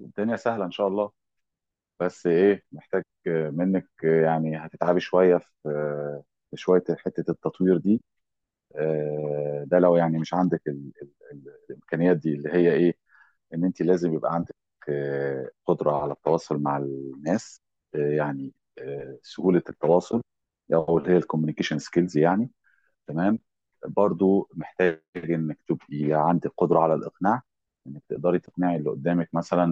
الدنيا سهلة إن شاء الله. بس إيه، محتاج منك يعني هتتعبي شوية في شوية حتة التطوير دي. ده لو يعني مش عندك ال ال ال الإمكانيات دي، اللي هي إيه؟ إن أنت لازم يبقى عندك قدرة على التواصل مع الناس، آه، يعني سهولة التواصل، أو اللي هي الكوميونيكيشن سكيلز يعني. تمام. برضو محتاج انك تبقي عندك قدره على الاقناع، انك تقدري تقنعي اللي قدامك مثلا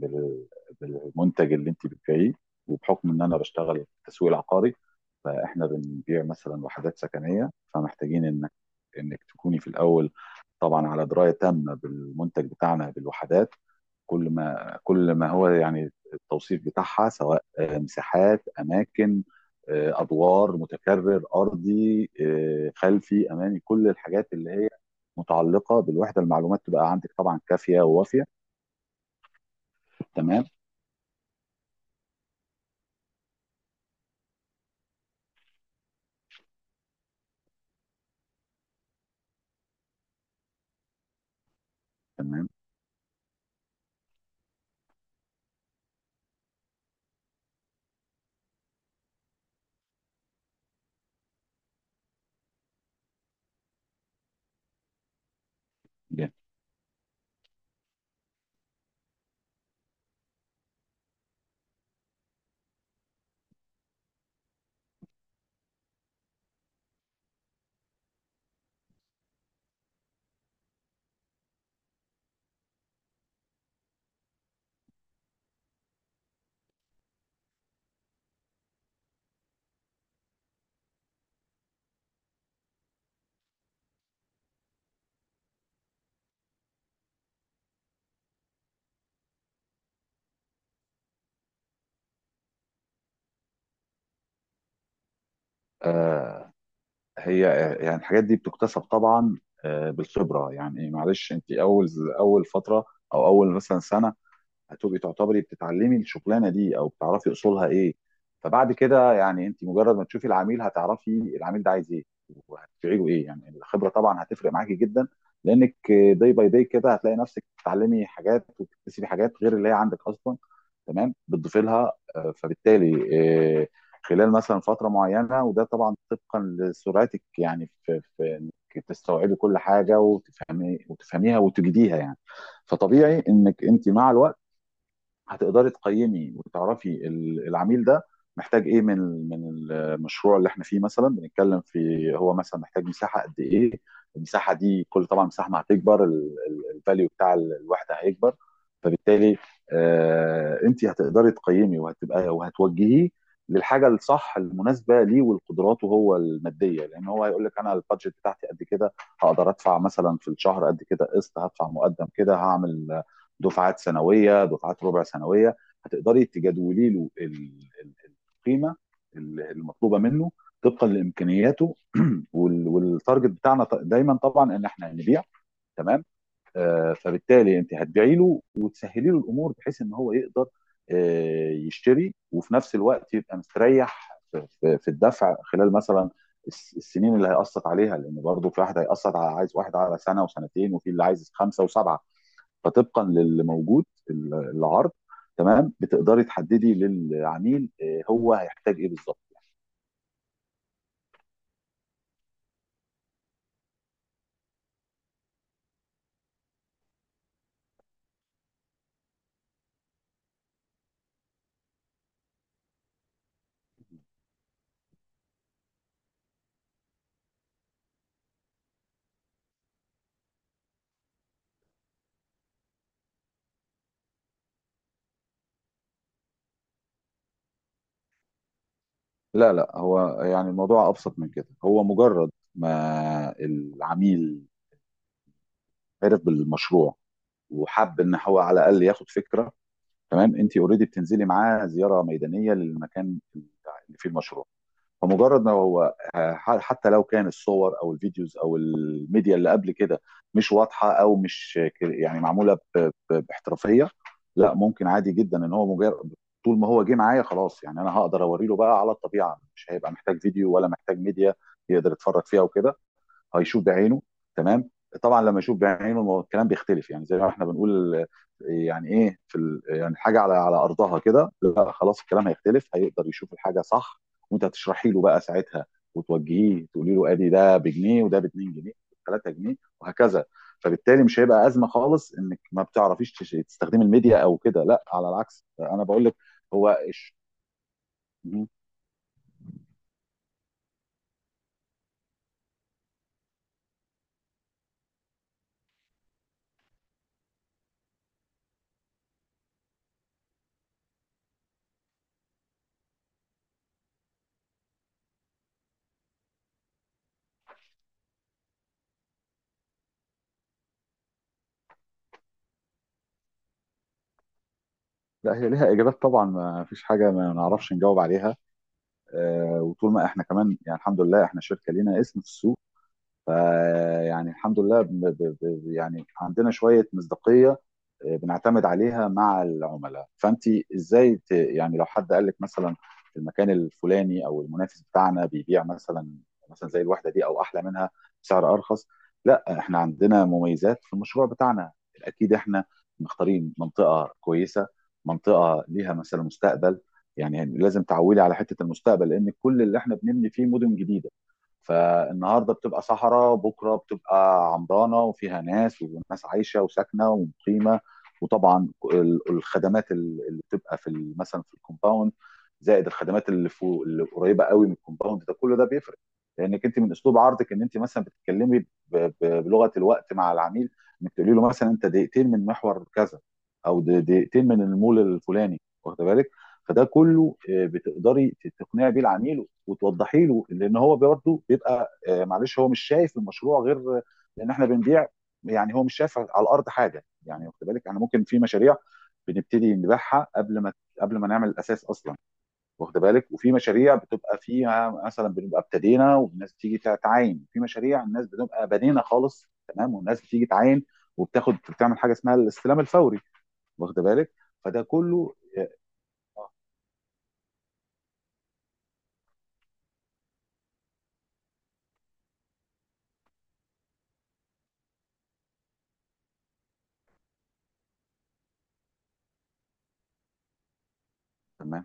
بال- بالمنتج اللي انت بتبيعيه. وبحكم ان انا بشتغل في التسويق العقاري، فاحنا بنبيع مثلا وحدات سكنيه، فمحتاجين انك تكوني في الاول طبعا على درايه تامه بالمنتج بتاعنا، بالوحدات. كل ما هو يعني التوصيف بتاعها، سواء مساحات، اماكن، ادوار، متكرر، ارضي، خلفي، امامي، كل الحاجات اللي هي متعلقه بالوحده، المعلومات تبقى عندك طبعا كافيه ووافيه. تمام. تمام، جميل. آه، هي يعني الحاجات دي بتكتسب طبعا بالخبره. يعني معلش، انت اول فتره، او اول مثلا سنه، هتبقي تعتبري بتتعلمي الشغلانه دي او بتعرفي اصولها ايه. فبعد كده، يعني انت مجرد ما تشوفي العميل هتعرفي العميل ده عايز ايه وهتبيعي له ايه. يعني الخبره طبعا هتفرق معاكي جدا، لانك داي باي داي كده هتلاقي نفسك بتتعلمي حاجات وبتكتسبي حاجات غير اللي هي عندك اصلا، تمام، بتضيفي لها. فبالتالي آه، خلال مثلا فتره معينه، وده طبعا طبقا لسرعتك يعني في انك تستوعبي كل حاجه وتفهمي وتفهميها وتجديها يعني. فطبيعي انك انت مع الوقت هتقدري تقيمي وتعرفي العميل ده محتاج ايه من من المشروع اللي احنا فيه، مثلا بنتكلم في هو مثلا محتاج مساحه قد ايه. المساحه دي، كل طبعا مساحه ما هتكبر، الفاليو بتاع الوحده هيكبر. فبالتالي، انت هتقدري تقيمي وهتوجهيه للحاجه الصح المناسبه ليه ولقدراته هو الماديه، لان هو هيقول لك انا البادجت بتاعتي قد كده، هقدر ادفع مثلا في الشهر قد كده قسط، هدفع مقدم كده، هعمل دفعات سنويه، دفعات ربع سنويه. هتقدري تجدولي له القيمه المطلوبه منه طبقا لامكانياته والتارجت بتاعنا، دايما طبعا ان احنا هنبيع. تمام. فبالتالي انت هتبيعي له وتسهلي له الامور بحيث ان هو يقدر يشتري، وفي نفس الوقت يبقى مستريح في الدفع خلال مثلا السنين اللي هيقسط عليها. لان برضه في واحد هيقسط، على عايز واحد على سنه وسنتين، وفي اللي عايز خمسه وسبعه. فطبقا للي موجود العرض، تمام، بتقدري تحددي للعميل هو هيحتاج ايه بالظبط. لا، لا، هو يعني الموضوع ابسط من كده. هو مجرد ما العميل عرف بالمشروع وحب ان هو على الاقل ياخد فكره، تمام، انت اوريدي بتنزلي معاه زياره ميدانيه للمكان اللي فيه المشروع. فمجرد ما هو حتى لو كان الصور او الفيديوز او الميديا اللي قبل كده مش واضحه، او مش يعني معموله باحترافيه، لا ممكن عادي جدا ان هو مجرد طول ما هو جه معايا خلاص. يعني انا هقدر اوريله بقى على الطبيعه، مش هيبقى محتاج فيديو ولا محتاج ميديا يقدر يتفرج فيها وكده. هيشوف بعينه. تمام، طبعا لما يشوف بعينه الكلام بيختلف. يعني زي ما احنا بنقول، يعني ايه، في يعني حاجه على ارضها كده، لا خلاص الكلام هيختلف، هيقدر يشوف الحاجه صح. وانت هتشرحي له بقى ساعتها وتوجهيه، تقولي له ادي ده بجنيه، وده ب 2 جنيه، 3 جنيه، وهكذا. فبالتالي مش هيبقى ازمه خالص انك ما بتعرفيش تستخدمي الميديا او كده. لا، على العكس انا بقول لك. هو إيش- لا، هي ليها اجابات طبعا، ما فيش حاجه ما نعرفش نجاوب عليها. وطول ما احنا كمان يعني الحمد لله احنا شركه لينا اسم في السوق، فيعني الحمد لله يعني عندنا شوية مصداقية بنعتمد عليها مع العملاء. فانت يعني لو حد قال لك مثلا في المكان الفلاني، او المنافس بتاعنا بيبيع مثلا زي الوحدة دي او احلى منها بسعر ارخص، لا احنا عندنا مميزات في المشروع بتاعنا. اكيد احنا مختارين منطقة كويسة، منطقة ليها مثلا مستقبل. يعني لازم تعولي على حتة المستقبل، لان كل اللي احنا بنبني فيه مدن جديدة، فالنهارده بتبقى صحراء، بكره بتبقى عمرانه وفيها ناس، وناس عايشه وساكنه ومقيمه. وطبعا الخدمات اللي بتبقى في مثلا في الكومباوند، زائد الخدمات اللي فوق اللي قريبه قوي من الكومباوند، ده كله ده بيفرق. لانك انت من اسلوب عرضك ان انت مثلا بتتكلمي بلغه الوقت مع العميل، انك تقولي له مثلا انت دقيقتين من محور كذا، او دقيقتين من المول الفلاني، واخد بالك؟ فده كله بتقدري تقنعي بيه العميل وتوضحي له، لان هو برضه بيبقى، معلش، هو مش شايف المشروع غير، لان احنا بنبيع. يعني هو مش شايف على الارض حاجه، يعني واخد بالك؟ احنا ممكن في مشاريع بنبتدي نبيعها قبل ما نعمل الاساس اصلا، واخد بالك؟ وفي مشاريع بتبقى فيها مثلا بنبقى ابتدينا والناس بتيجي تعاين، في مشاريع الناس بتبقى بنينا خالص تمام والناس بتيجي تعاين وبتاخد، بتعمل حاجه اسمها الاستلام الفوري، واخد بالك؟ فده كله. تمام.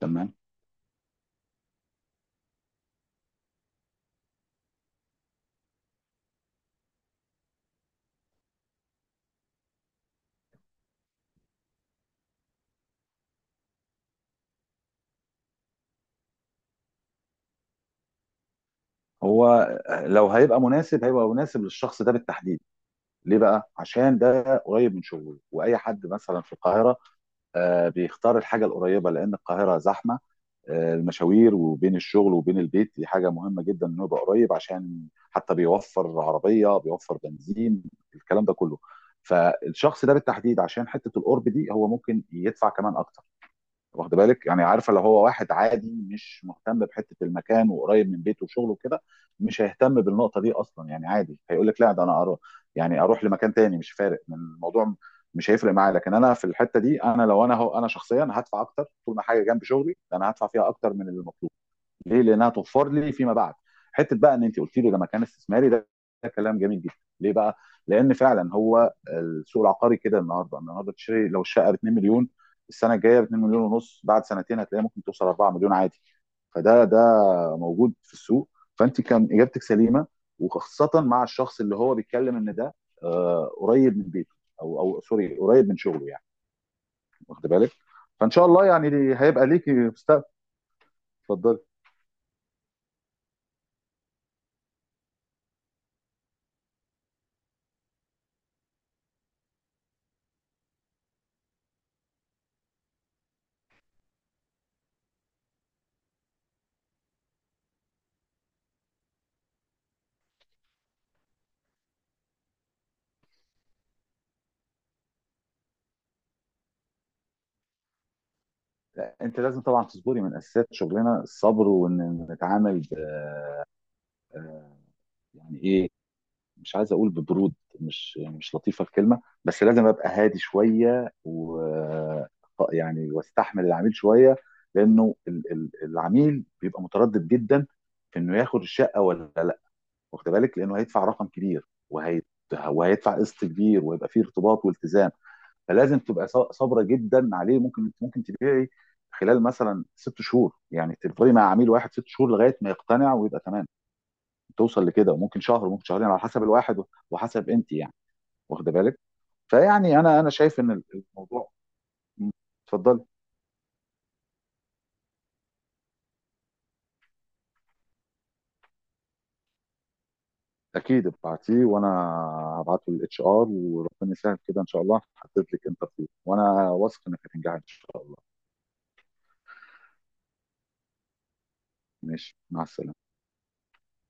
تمام. هو لو هيبقى مناسب هيبقى مناسب للشخص ده بالتحديد. ليه بقى؟ عشان ده قريب من شغله، واي حد مثلا في القاهره بيختار الحاجه القريبه، لان القاهره زحمه. المشاوير وبين الشغل وبين البيت دي حاجه مهمه جدا، انه يبقى قريب، عشان حتى بيوفر عربيه، بيوفر بنزين، الكلام ده كله. فالشخص ده بالتحديد، عشان حته القرب دي، هو ممكن يدفع كمان اكتر، واخد بالك؟ يعني عارفه، لو هو واحد عادي مش مهتم بحته المكان وقريب من بيته وشغله وكده، مش هيهتم بالنقطه دي اصلا. يعني عادي هيقول لك لا، ده انا اروح، يعني اروح لمكان تاني، مش فارق من الموضوع، مش هيفرق معايا. لكن انا في الحته دي، انا لو انا هو، انا شخصيا هدفع اكتر، طول ما حاجه جنب شغلي، ده انا هدفع فيها اكتر من اللي المطلوب. ليه؟ لانها توفر لي فيما بعد. حته بقى ان انت قلت لي ده مكان استثماري، ده كلام جميل جدا. ليه بقى؟ لان فعلا هو السوق العقاري كده، النهارده تشتري لو الشقه ب 2 مليون، السنه الجايه ب 2 مليون ونص، بعد سنتين هتلاقيها ممكن توصل 4 مليون عادي. فده موجود في السوق. فانت كان اجابتك سليمه، وخاصه مع الشخص اللي هو بيتكلم ان ده قريب من بيته، او سوري، قريب من شغله يعني، واخد بالك؟ فان شاء الله يعني هيبقى ليكي مستقبل. اتفضلي. لا، انت لازم طبعا تصبري، من اساسيات شغلنا الصبر، وان نتعامل آه، يعني ايه، مش عايز اقول ببرود، مش لطيفه الكلمه، بس لازم ابقى هادي شويه و يعني واستحمل العميل شويه، لانه العميل بيبقى متردد جدا في انه ياخد الشقه ولا لا، واخد بالك؟ لانه هيدفع رقم كبير وهيدفع قسط كبير، ويبقى فيه ارتباط والتزام. فلازم تبقى صابره جدا عليه. ممكن تبيعي خلال مثلا 6 شهور، يعني تفضلي مع عميل واحد 6 شهور لغايه ما يقتنع ويبقى تمام، توصل لكده. وممكن شهر، وممكن شهرين، على حسب الواحد وحسب انت يعني، واخده بالك؟ فيعني انا شايف ان الموضوع. اتفضلي. اكيد ابعتيه، وانا هبعته للاتش ار، وربنا يسهل، كده ان شاء الله هحدد لك انترفيو، وانا واثق انك هتنجحي ان شاء الله. ماشي، مع السلامه.